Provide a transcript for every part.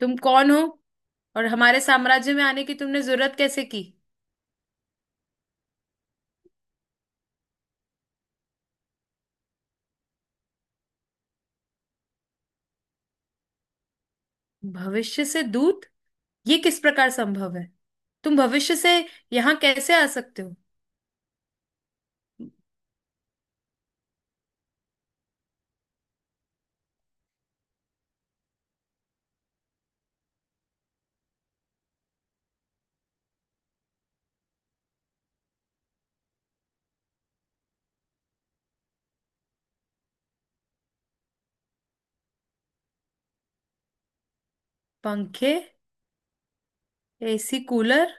तुम कौन हो? और हमारे साम्राज्य में आने की तुमने जरूरत कैसे की? भविष्य से दूत? ये किस प्रकार संभव है? तुम भविष्य से यहाँ कैसे आ सकते हो? पंखे? AC cooler?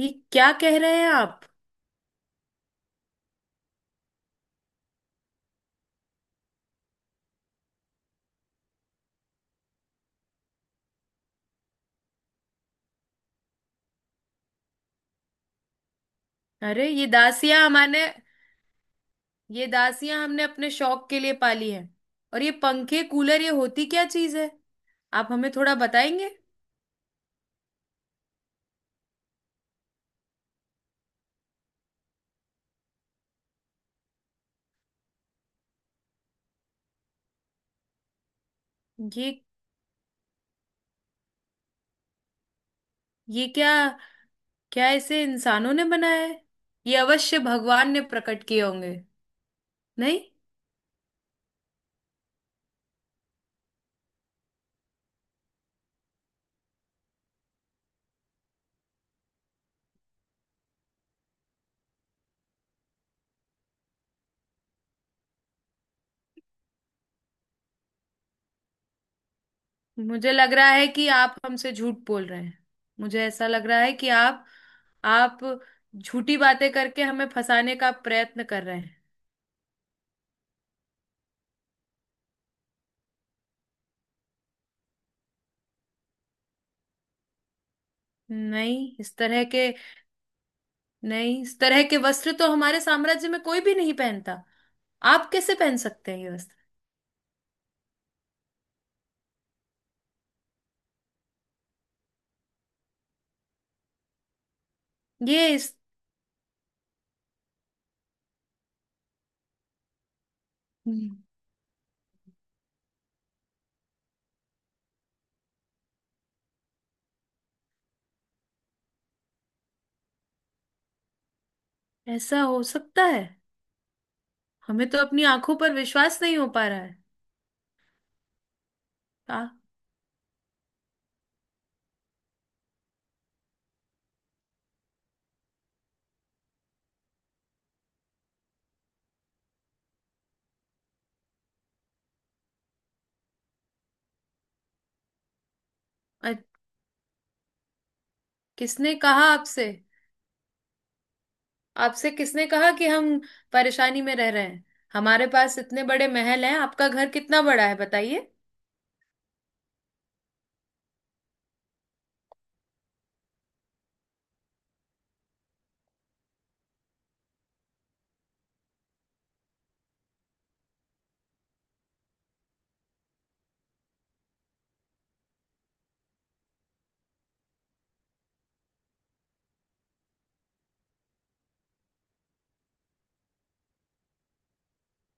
ये क्या कह रहे हैं आप? अरे ये दासियां हमारे ये दासियां हमने अपने शौक के लिए पाली है। और ये पंखे कूलर, ये होती क्या चीज है? आप हमें थोड़ा बताएंगे? ये ये क्या? क्या इसे इंसानों ने बनाया है? ये अवश्य भगवान ने प्रकट किए होंगे। नहीं, मुझे लग रहा है कि आप हमसे झूठ बोल रहे हैं। मुझे ऐसा लग रहा है कि आप झूठी बातें करके हमें फंसाने का प्रयत्न कर रहे हैं। नहीं इस तरह के नहीं, इस तरह के वस्त्र तो हमारे साम्राज्य में कोई भी नहीं पहनता। आप कैसे पहन सकते हैं ये वस्त्र? ये इस हम्म, ऐसा हो सकता है? हमें तो अपनी आंखों पर विश्वास नहीं हो पा रहा है। आ, अ- किसने कहा आपसे? आपसे किसने कहा कि हम परेशानी में रह रहे हैं? हमारे पास इतने बड़े महल हैं। आपका घर कितना बड़ा है, बताइए।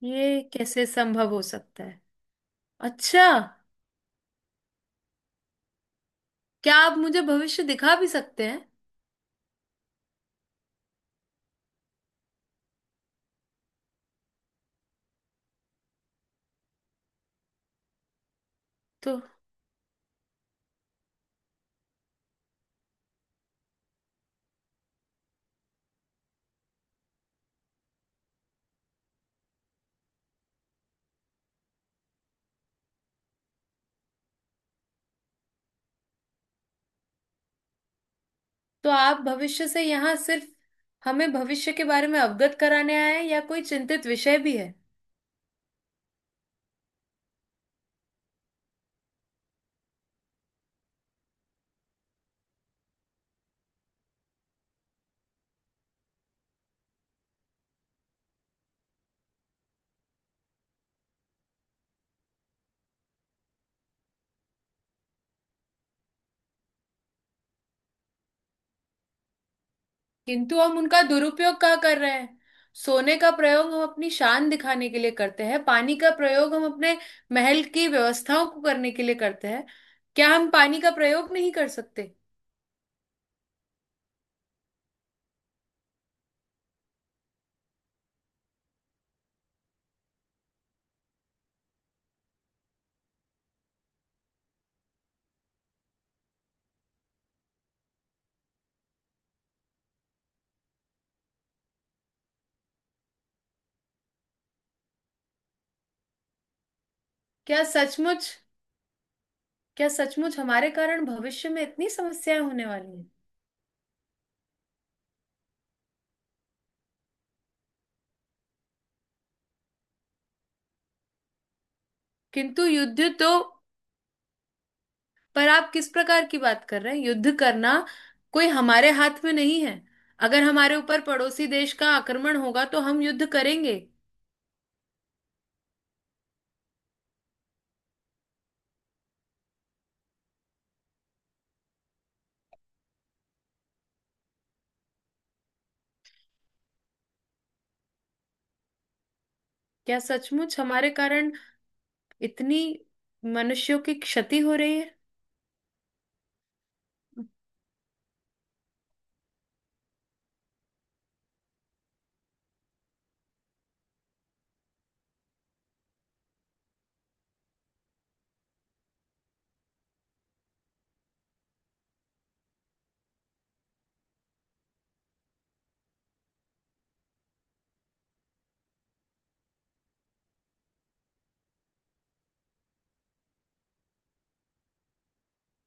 ये कैसे संभव हो सकता है? अच्छा, क्या आप मुझे भविष्य दिखा भी सकते हैं? तो तो आप भविष्य से यहाँ सिर्फ हमें भविष्य के बारे में अवगत कराने आए हैं या कोई चिंतित विषय भी है? किंतु हम उनका दुरुपयोग क्या कर रहे हैं? सोने का प्रयोग हम अपनी शान दिखाने के लिए करते हैं, पानी का प्रयोग हम अपने महल की व्यवस्थाओं को करने के लिए करते हैं। क्या हम पानी का प्रयोग नहीं कर सकते? क्या सचमुच क्या सचमुच हमारे कारण भविष्य में इतनी समस्याएं होने वाली हैं? किंतु युद्ध तो, पर आप किस प्रकार की बात कर रहे हैं? युद्ध करना कोई हमारे हाथ में नहीं है। अगर हमारे ऊपर पड़ोसी देश का आक्रमण होगा तो हम युद्ध करेंगे। क्या सचमुच हमारे कारण इतनी मनुष्यों की क्षति हो रही है?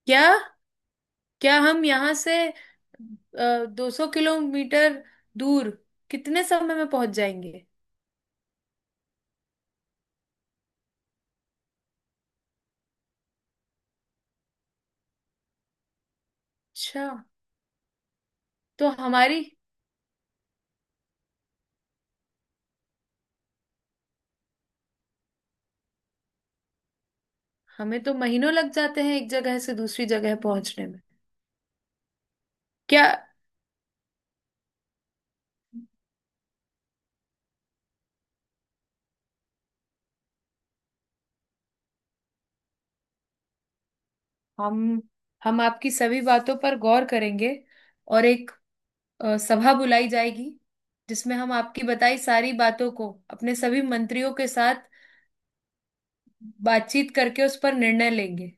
क्या क्या हम यहाँ से 200 किलोमीटर दूर कितने समय में पहुंच जाएंगे? अच्छा। तो हमारी हमें तो महीनों लग जाते हैं एक जगह से दूसरी जगह पहुंचने में। क्या हम हम आपकी सभी बातों पर गौर करेंगे। और एक सभा बुलाई जाएगी जिसमें हम आपकी बताई सारी बातों को अपने सभी मंत्रियों के साथ बातचीत करके उस पर निर्णय लेंगे।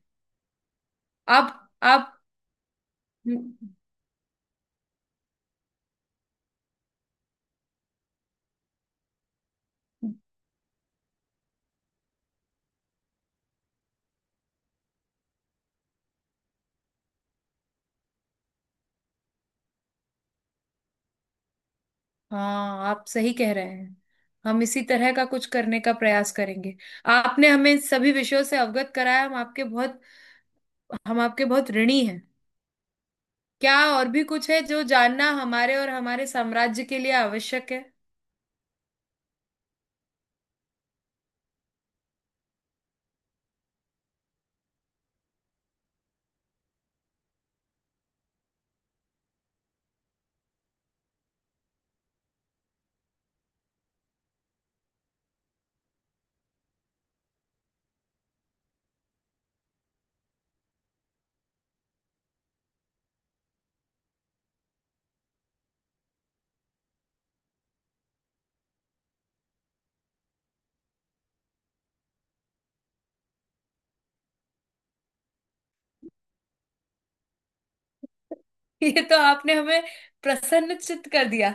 आप आप हाँ, आप सही कह रहे हैं। हम इसी तरह का कुछ करने का प्रयास करेंगे। आपने हमें इन सभी विषयों से अवगत कराया। हम आपके बहुत ऋणी हैं। क्या और भी कुछ है जो जानना हमारे और हमारे साम्राज्य के लिए आवश्यक है? ये तो आपने हमें प्रसन्नचित्त कर दिया।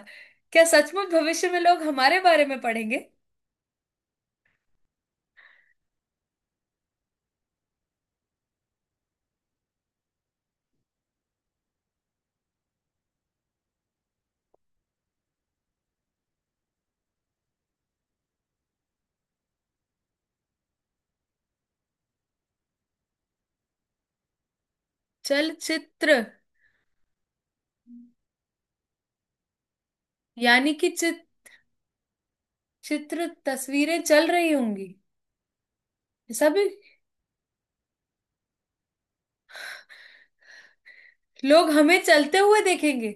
क्या सचमुच भविष्य में लोग हमारे बारे में पढ़ेंगे? चलचित्र? यानी कि चित्र तस्वीरें चल रही होंगी? ऐसा भी? लोग हमें चलते हुए देखेंगे?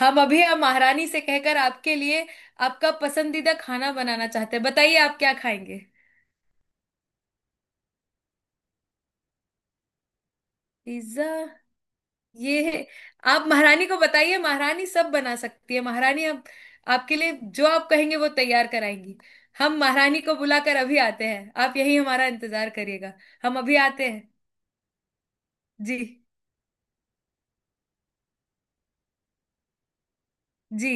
हम अभी आप महारानी से कहकर आपके लिए आपका पसंदीदा खाना बनाना चाहते हैं। बताइए, आप क्या खाएंगे? पिज्जा? ये है। आप महारानी को बताइए, महारानी सब बना सकती है। महारानी आप, आपके लिए जो आप कहेंगे वो तैयार कराएंगी। हम महारानी को बुलाकर अभी आते हैं। आप यही हमारा इंतजार करिएगा। हम अभी आते हैं। जी। जी।